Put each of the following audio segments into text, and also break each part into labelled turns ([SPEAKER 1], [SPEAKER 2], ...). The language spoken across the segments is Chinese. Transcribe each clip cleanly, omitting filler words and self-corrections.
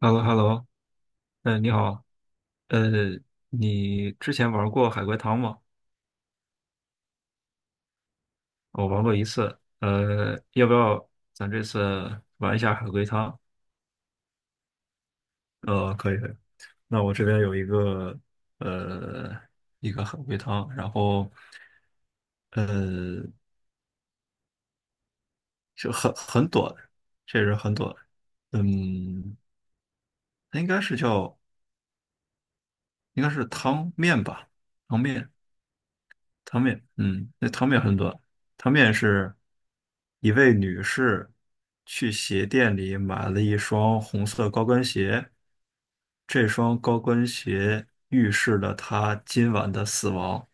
[SPEAKER 1] h e l l o h e l l o 嗯，你好，呃，你之前玩过海龟汤吗？我玩过一次，要不要咱这次玩一下海龟汤？可以可以。那我这边有一个呃一个海龟汤，然后呃就很短，确实很短，嗯，它应该是汤面吧，汤面。汤面，嗯，那汤面很短。汤面是一位女士去鞋店里买了一双红色高跟鞋，这双高跟鞋预示了她今晚的死亡。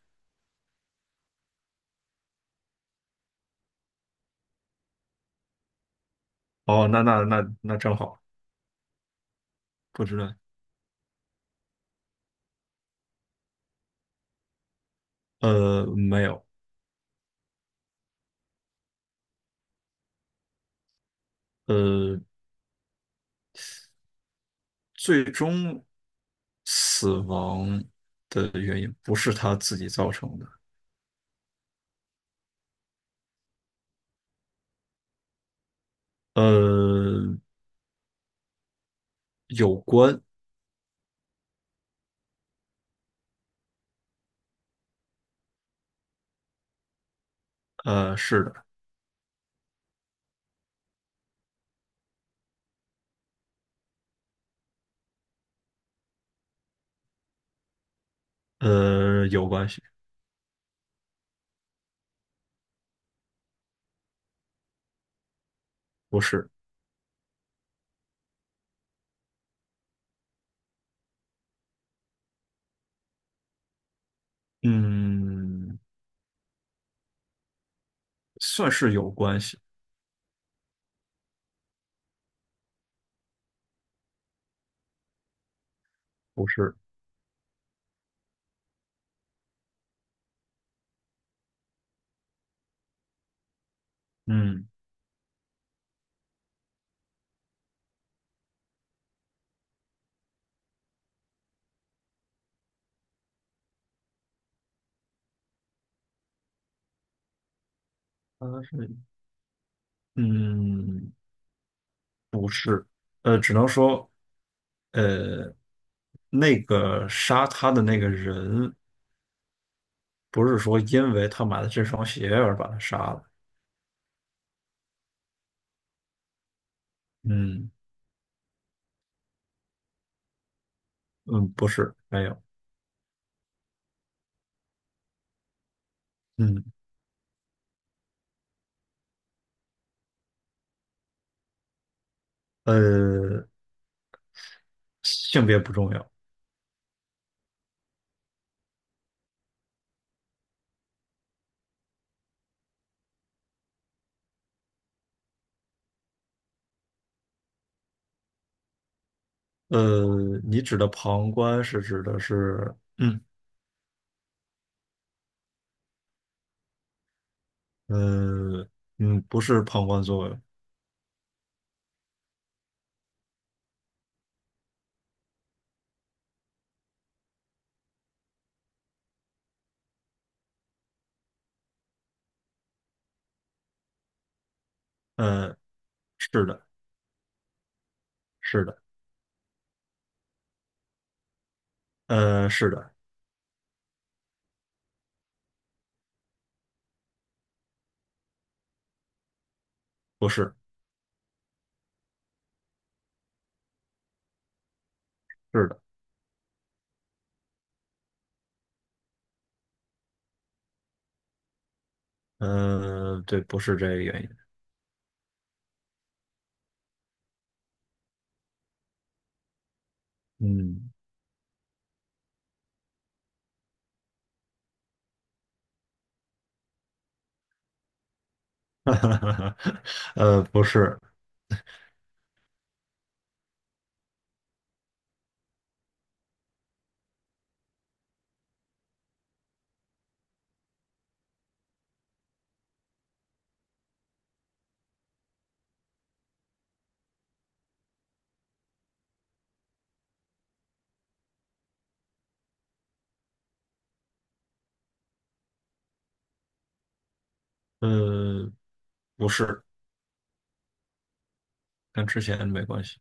[SPEAKER 1] 哦，那正好，不知道。没有，呃，最终死亡的原因不是她自己造成的。呃是的，有关系，不是。嗯，算是有关系，不是，嗯，它是，嗯，只能说，呃，那个杀他的那个人，不是说因为他买了这双鞋而把他杀了，嗯嗯，不是，没有，嗯，呃，性别不重要，你指的旁观是指的是，呃不是旁观作用，呃，是的，是的，是的，不是。是的。嗯，对，不是这个原因。嗯，不是，呃，不是，跟之前没关系。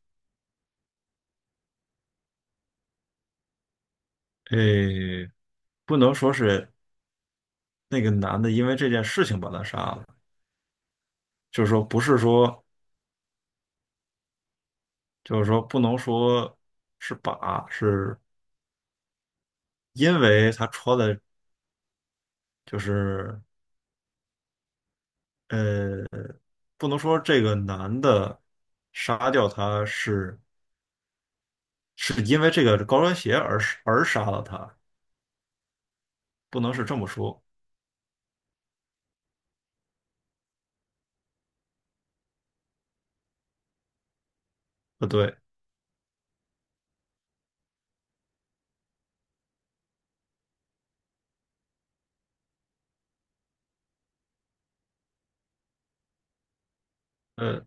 [SPEAKER 1] 诶，不能说是那个男的因为这件事情把他杀了，就是说不是说，就是说不能说是把，是因为他穿的，就是呃，不能说这个男的杀掉他是因为这个高跟鞋而杀了他，不能是这么说，不对。呃，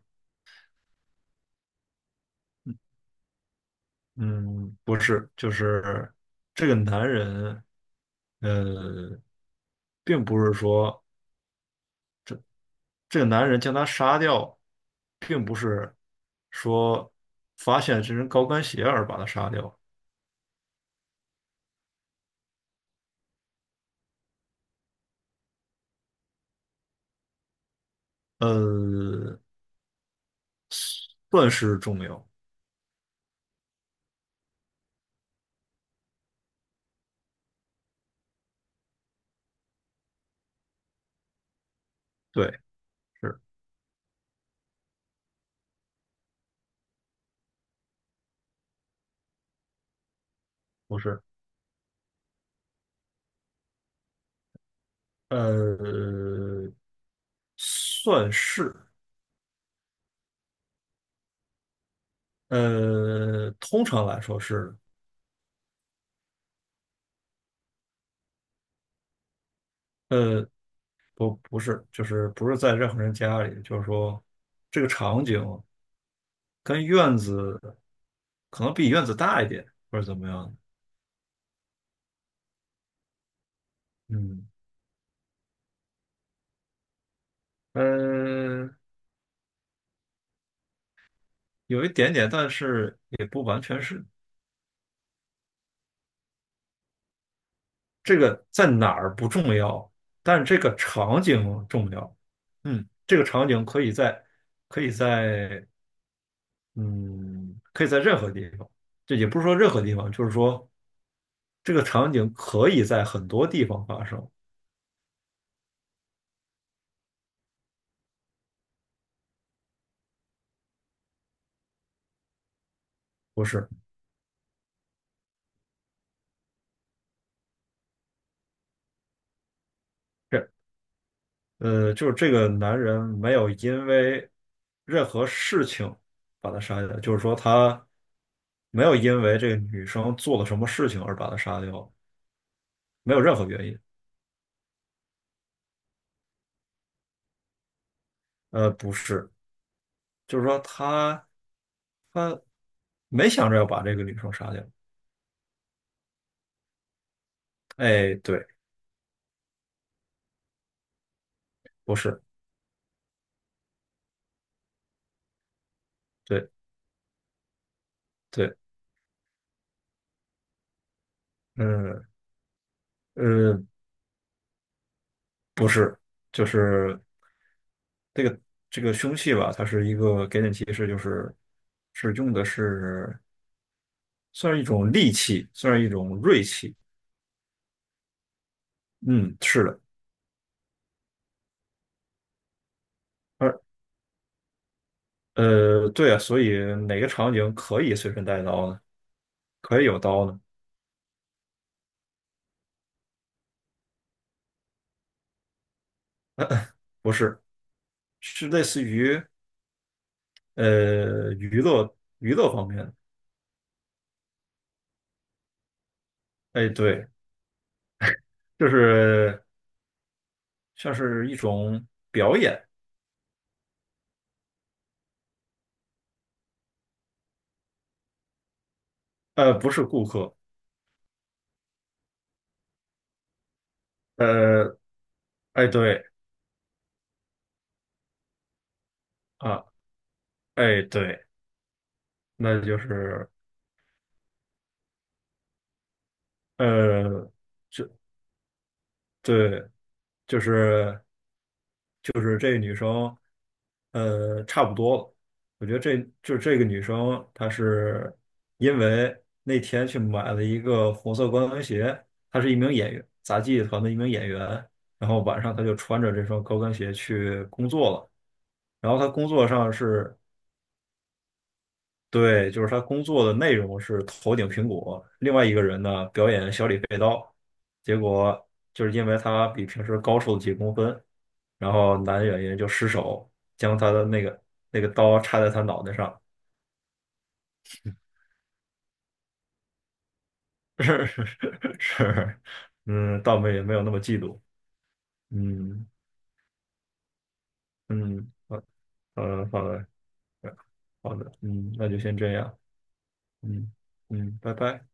[SPEAKER 1] 嗯，不是，就是这个男人，呃，并不是说这个男人将他杀掉，并不是说发现这双高跟鞋而把他杀掉，呃，算是重要，对，是不是？呃，算是，通常来说是，呃，不是，就是不是在任何人家里，就是说这个场景。跟院子可能比院子大一点，或者怎么样？嗯嗯，有一点点，但是也不完全是。这个在哪儿不重要，但是这个场景重要。嗯，这个场景可以在，可以在，嗯，可以在任何地方。这也不是说任何地方，就是说这个场景可以在很多地方发生，不是？就是这个男人没有因为任何事情把他杀掉，就是说他没有因为这个女生做了什么事情而把他杀掉，没有任何原因。不是，就是说他没想着要把这个女生杀掉。哎，对，不是，对对，嗯呃，不是，就是这个这个凶器吧，它是一个给点提示，就是用的是算是一种利器，算是一种锐器。嗯，是的，而对啊，所以哪个场景可以随身带刀呢？可以有刀呢？不是，是类似于娱乐方面的。哎，对，就是像是一种表演，不是顾客，呃，哎，对啊，哎，对，那就是呃，就对，就是就是这个女生，差不多了。我觉得这就是这个女生，她是因为那天去买了一个红色高跟鞋，她是一名演员，杂技团的一名演员。然后晚上她就穿着这双高跟鞋去工作了。然后她工作上是，对，就是她工作的内容是头顶苹果，另外一个人呢表演小李飞刀，结果就是因为她比平时高出了几公分。然后男演员就失手将他的那个刀插在他脑袋上，是是是嗯，倒没有那么嫉妒，嗯嗯，好，好的好的好的，嗯，那就先这样，嗯嗯，拜拜。